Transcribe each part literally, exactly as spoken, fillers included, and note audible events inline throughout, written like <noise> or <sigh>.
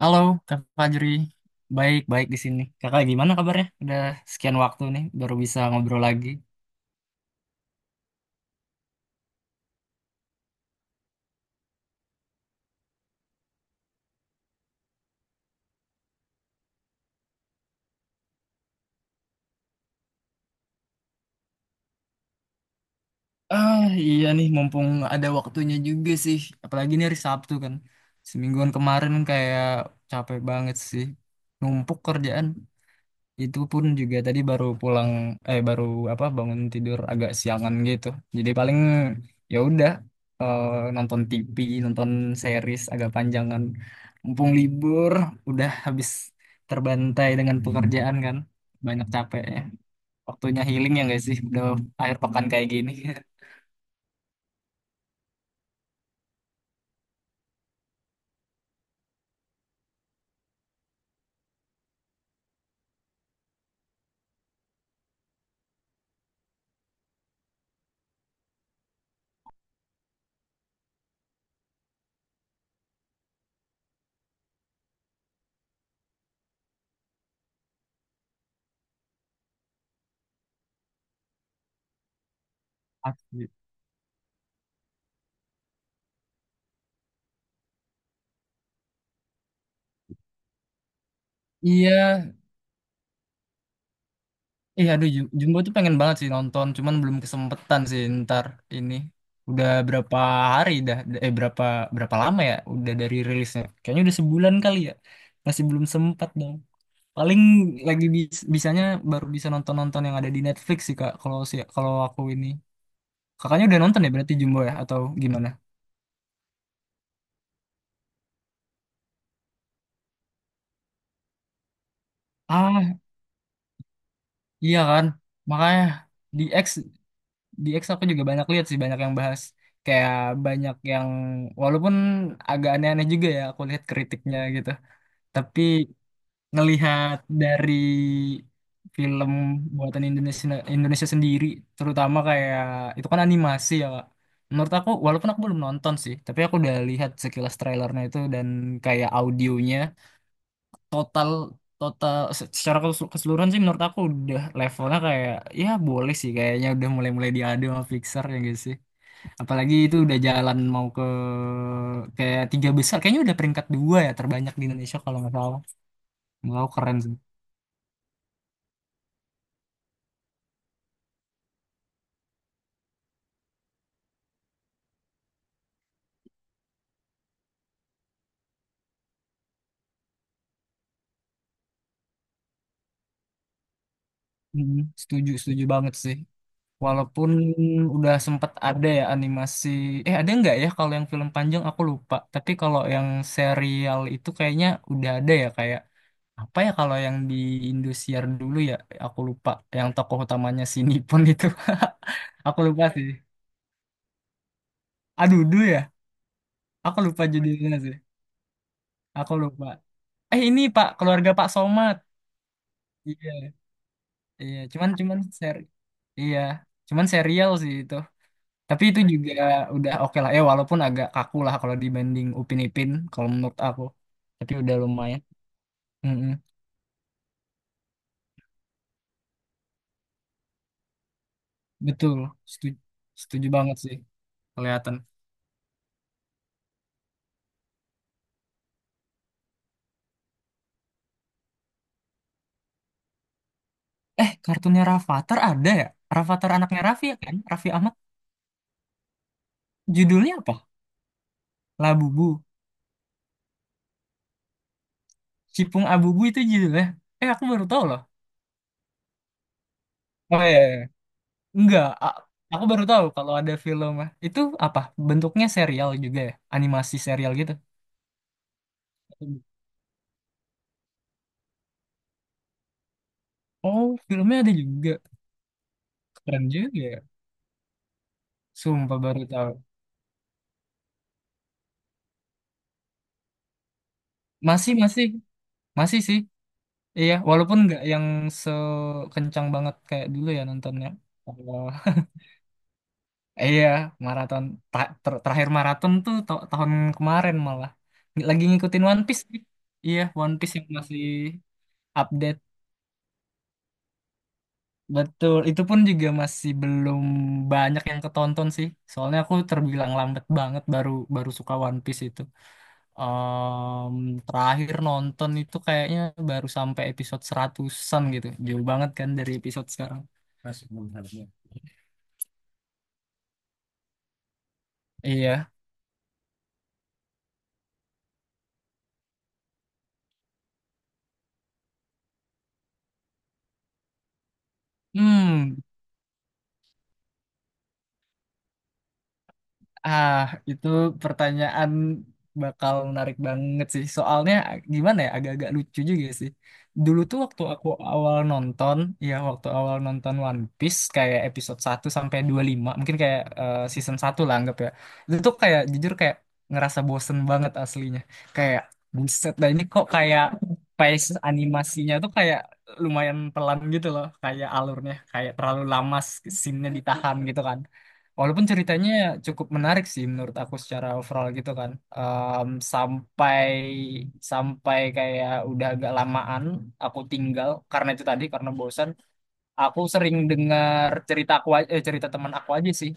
Halo, Kak Fajri. Baik-baik di sini. Kakak gimana kabarnya? Udah sekian waktu nih, baru bisa ngobrol lagi. Ah, iya nih, mumpung ada waktunya juga sih. Apalagi ini hari Sabtu kan. Semingguan kemarin kayak capek banget sih. Numpuk kerjaan. Itu pun juga tadi baru pulang, eh, baru apa bangun tidur agak siangan gitu. Jadi paling ya udah, eh, nonton T V, nonton series agak panjangan. Mumpung libur, udah habis terbantai dengan pekerjaan kan. Banyak capek ya. Waktunya healing ya guys sih udah akhir pekan kayak gini. <laughs> Asli. Iya, iya, aduh, Ju- Jumbo tuh pengen banget sih nonton, cuman belum kesempetan sih ntar ini. Udah berapa hari dah, eh berapa berapa lama ya udah dari rilisnya? Kayaknya udah sebulan kali ya. Masih belum sempat dong. Paling lagi bis- bisanya baru bisa nonton-nonton yang ada di Netflix sih Kak, kalau si kalau aku ini. Kakaknya udah nonton ya berarti Jumbo ya atau gimana? Ah, iya kan. Makanya di X di X aku juga banyak lihat sih, banyak yang bahas. Kayak banyak yang, walaupun agak aneh-aneh juga ya aku lihat kritiknya gitu, tapi ngelihat dari film buatan Indonesia Indonesia sendiri, terutama kayak itu kan animasi ya Kak. Menurut aku walaupun aku belum nonton sih, tapi aku udah lihat sekilas trailernya itu, dan kayak audionya total, total se- secara kesu- keseluruhan sih menurut aku udah levelnya kayak ya boleh sih, kayaknya udah mulai-mulai diadu sama Pixar ya gitu sih. Apalagi itu udah jalan mau ke kayak tiga besar. Kayaknya udah peringkat dua ya terbanyak di Indonesia kalau nggak salah. Menurut aku keren sih. Mhm. Setuju, setuju banget sih. Walaupun udah sempet ada ya animasi. Eh ada nggak ya kalau yang film panjang, aku lupa. Tapi kalau yang serial itu kayaknya udah ada ya, kayak apa ya, kalau yang di Indosiar dulu ya, aku lupa. Yang tokoh utamanya si Nippon itu. <laughs> Aku lupa sih. Aduh, dulu ya. Aku lupa judulnya sih. Aku lupa. Eh ini Pak, keluarga Pak Somad. Iya, iya. Cuman cuman seri, iya. Cuman serial sih itu. Tapi itu juga udah oke lah. Eh walaupun agak kaku lah kalau dibanding Upin Ipin, kalau menurut aku. Tapi udah lumayan. Mm-mm. Betul, setuju, setuju banget sih, kelihatan. Eh kartunnya Rafathar ada ya? Rafathar anaknya Raffi ya kan? Raffi Ahmad. Judulnya apa? Labubu. Cipung Abubu itu judulnya. Eh aku baru tahu loh. Oh iya. Enggak, a- aku baru tahu kalau ada film. Itu apa? Bentuknya serial juga ya? Animasi serial gitu? Oh, filmnya ada juga. Keren juga ya. Sumpah baru tahu. Masih, masih. Masih sih. Iya, walaupun nggak yang sekencang banget kayak dulu ya nontonnya. Oh, iya, maraton. Ta- ter- terakhir maraton tuh ta- tahun kemarin malah. Lagi ngikutin One Piece sih. Iya, One Piece yang masih update. Betul, itu pun juga masih belum banyak yang ketonton sih. Soalnya aku terbilang lambat banget, baru baru suka One Piece itu. Em, Terakhir nonton itu kayaknya baru sampai episode seratusan an gitu. Jauh banget kan dari episode sekarang. Masih belum harusnya. Iya. Hmm. Ah, itu pertanyaan bakal menarik banget sih. Soalnya gimana ya, agak-agak lucu juga sih. Dulu tuh waktu aku awal nonton, ya waktu awal nonton One Piece kayak episode satu sampai dua puluh lima mungkin, kayak eh, season satu lah anggap ya. Itu tuh kayak jujur kayak ngerasa bosen banget aslinya. Kayak buset, dan ini kok kayak pace animasinya tuh kayak lumayan pelan gitu loh, kayak alurnya kayak terlalu lama scene-nya ditahan gitu kan. Walaupun ceritanya cukup menarik sih menurut aku secara overall gitu kan. Em, sampai, sampai kayak udah agak lamaan aku tinggal karena itu tadi, karena bosan. Aku sering dengar cerita aku a- eh, cerita teman aku aja sih.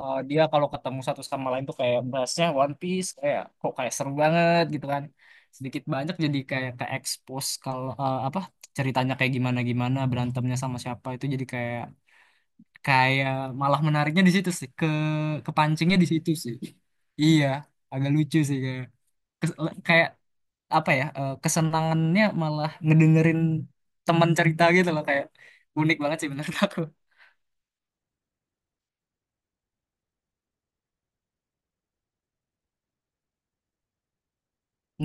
Eh, dia kalau ketemu satu sama lain tuh kayak bahasnya One Piece, kayak kok kayak seru banget gitu kan. Sedikit banyak jadi kayak ke expose kalau, eh, apa, ceritanya kayak gimana, gimana berantemnya sama siapa, itu jadi kayak, kayak malah menariknya di situ sih, ke kepancingnya di situ sih. Iya, agak lucu sih, kayak kes- kayak apa ya, eh, kesenangannya malah ngedengerin teman cerita gitu loh, kayak unik banget sih menurut aku.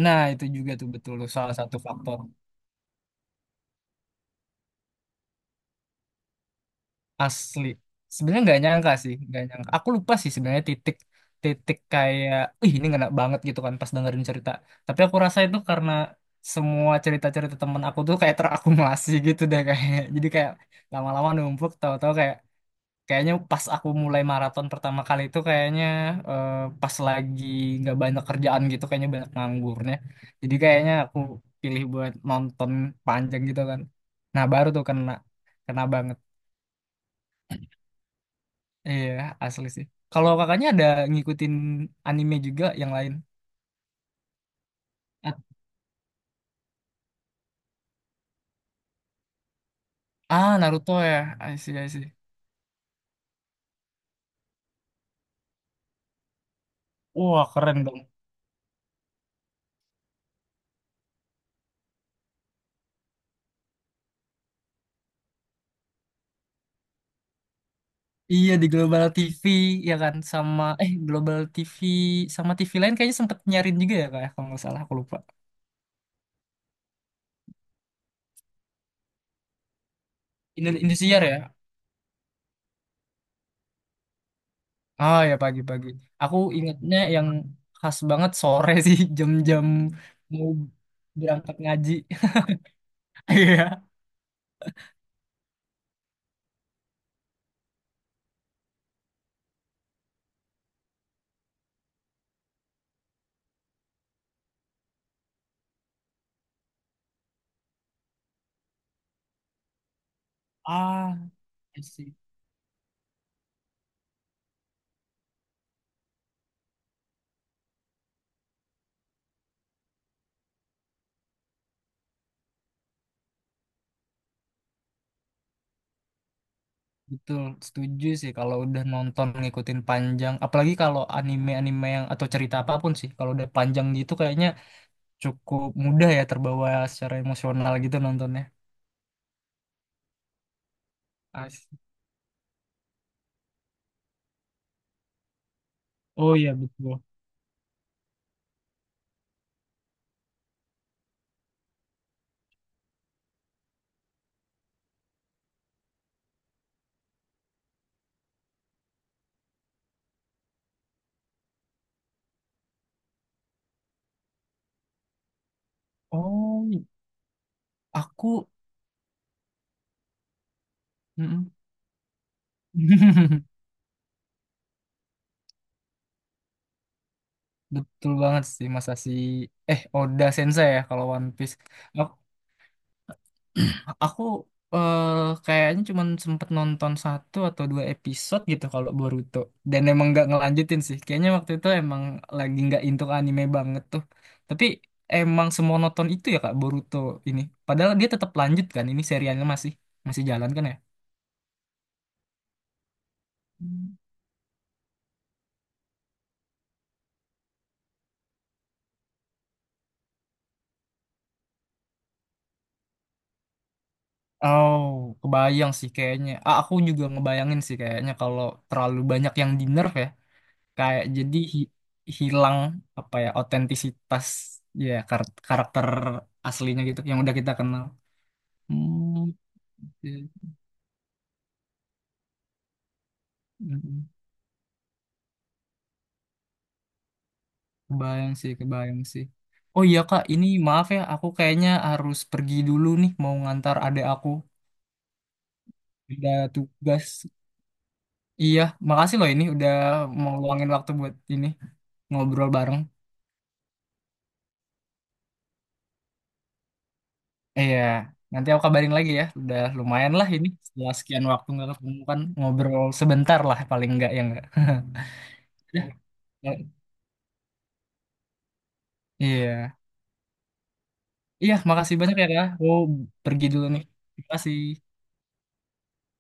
Nah itu juga tuh betul salah satu faktor. Asli, sebenarnya nggak nyangka sih, nggak nyangka, aku lupa sih sebenarnya titik, titik kayak ih ini enak banget gitu kan pas dengerin cerita. Tapi aku rasa itu karena semua cerita-cerita temen aku tuh kayak terakumulasi <laughs> gitu deh, kayak jadi kayak lama-lama numpuk, tahu-tahu kayak, kayaknya pas aku mulai maraton pertama kali itu kayaknya, eh, pas lagi nggak banyak kerjaan gitu, kayaknya banyak nganggurnya, jadi kayaknya aku pilih buat nonton panjang gitu kan, nah baru tuh kena, kena banget. Iya, asli sih. Kalau kakaknya ada ngikutin anime juga yang lain? At- Ah, Naruto ya. I see, I see. Wah, keren dong. Iya, di Global T V, ya kan? Sama, eh, Global T V, sama T V lain kayaknya sempet nyarin juga ya, kayak kalau nggak salah, aku lupa. Indo- Indosiar ya? Ah, ya pagi-pagi. Aku ingatnya yang khas banget sore sih, <laughs> jam-jam mau berangkat ngaji. <laughs> Iya. Ah, I see. Betul, setuju sih, kalau udah nonton ngikutin panjang, apalagi kalau anime-anime yang, atau cerita apapun sih, kalau udah panjang gitu kayaknya cukup mudah ya terbawa secara emosional gitu nontonnya. Asik. Oh iya betul. Oh, aku. Mm-mm. <laughs> Betul banget sih Mas Asi. Eh, Oda Sensei ya kalau One Piece. Aku, eh, kayaknya cuman sempet nonton satu atau dua episode gitu kalau Boruto. Dan emang nggak ngelanjutin sih. Kayaknya waktu itu emang lagi nggak into anime banget tuh. Tapi emang semonoton itu ya Kak Boruto ini. Padahal dia tetap lanjut kan. Ini serialnya masih masih jalan kan ya? Hmm. Oh, kebayang sih kayaknya. Ah, aku juga ngebayangin sih kayaknya kalau terlalu banyak yang di nerf ya. Kayak jadi hi- hilang apa ya otentisitas ya kar- karakter aslinya gitu yang udah kita kenal. Hmm, oke. Mm-mm. Kebayang sih, kebayang sih. Oh iya Kak, ini maaf ya, aku kayaknya harus pergi dulu nih mau ngantar adik aku. Udah tugas. Iya, makasih loh ini udah mau luangin waktu buat ini, ngobrol bareng. Iya, nanti aku kabarin lagi ya. Udah lumayan lah ini setelah sekian waktu nggak ketemu kan, ngobrol sebentar lah paling nggak ya nggak. <laughs> Ya, iya. Iya, makasih banyak ya, Kak. Aku pergi dulu nih. Terima kasih.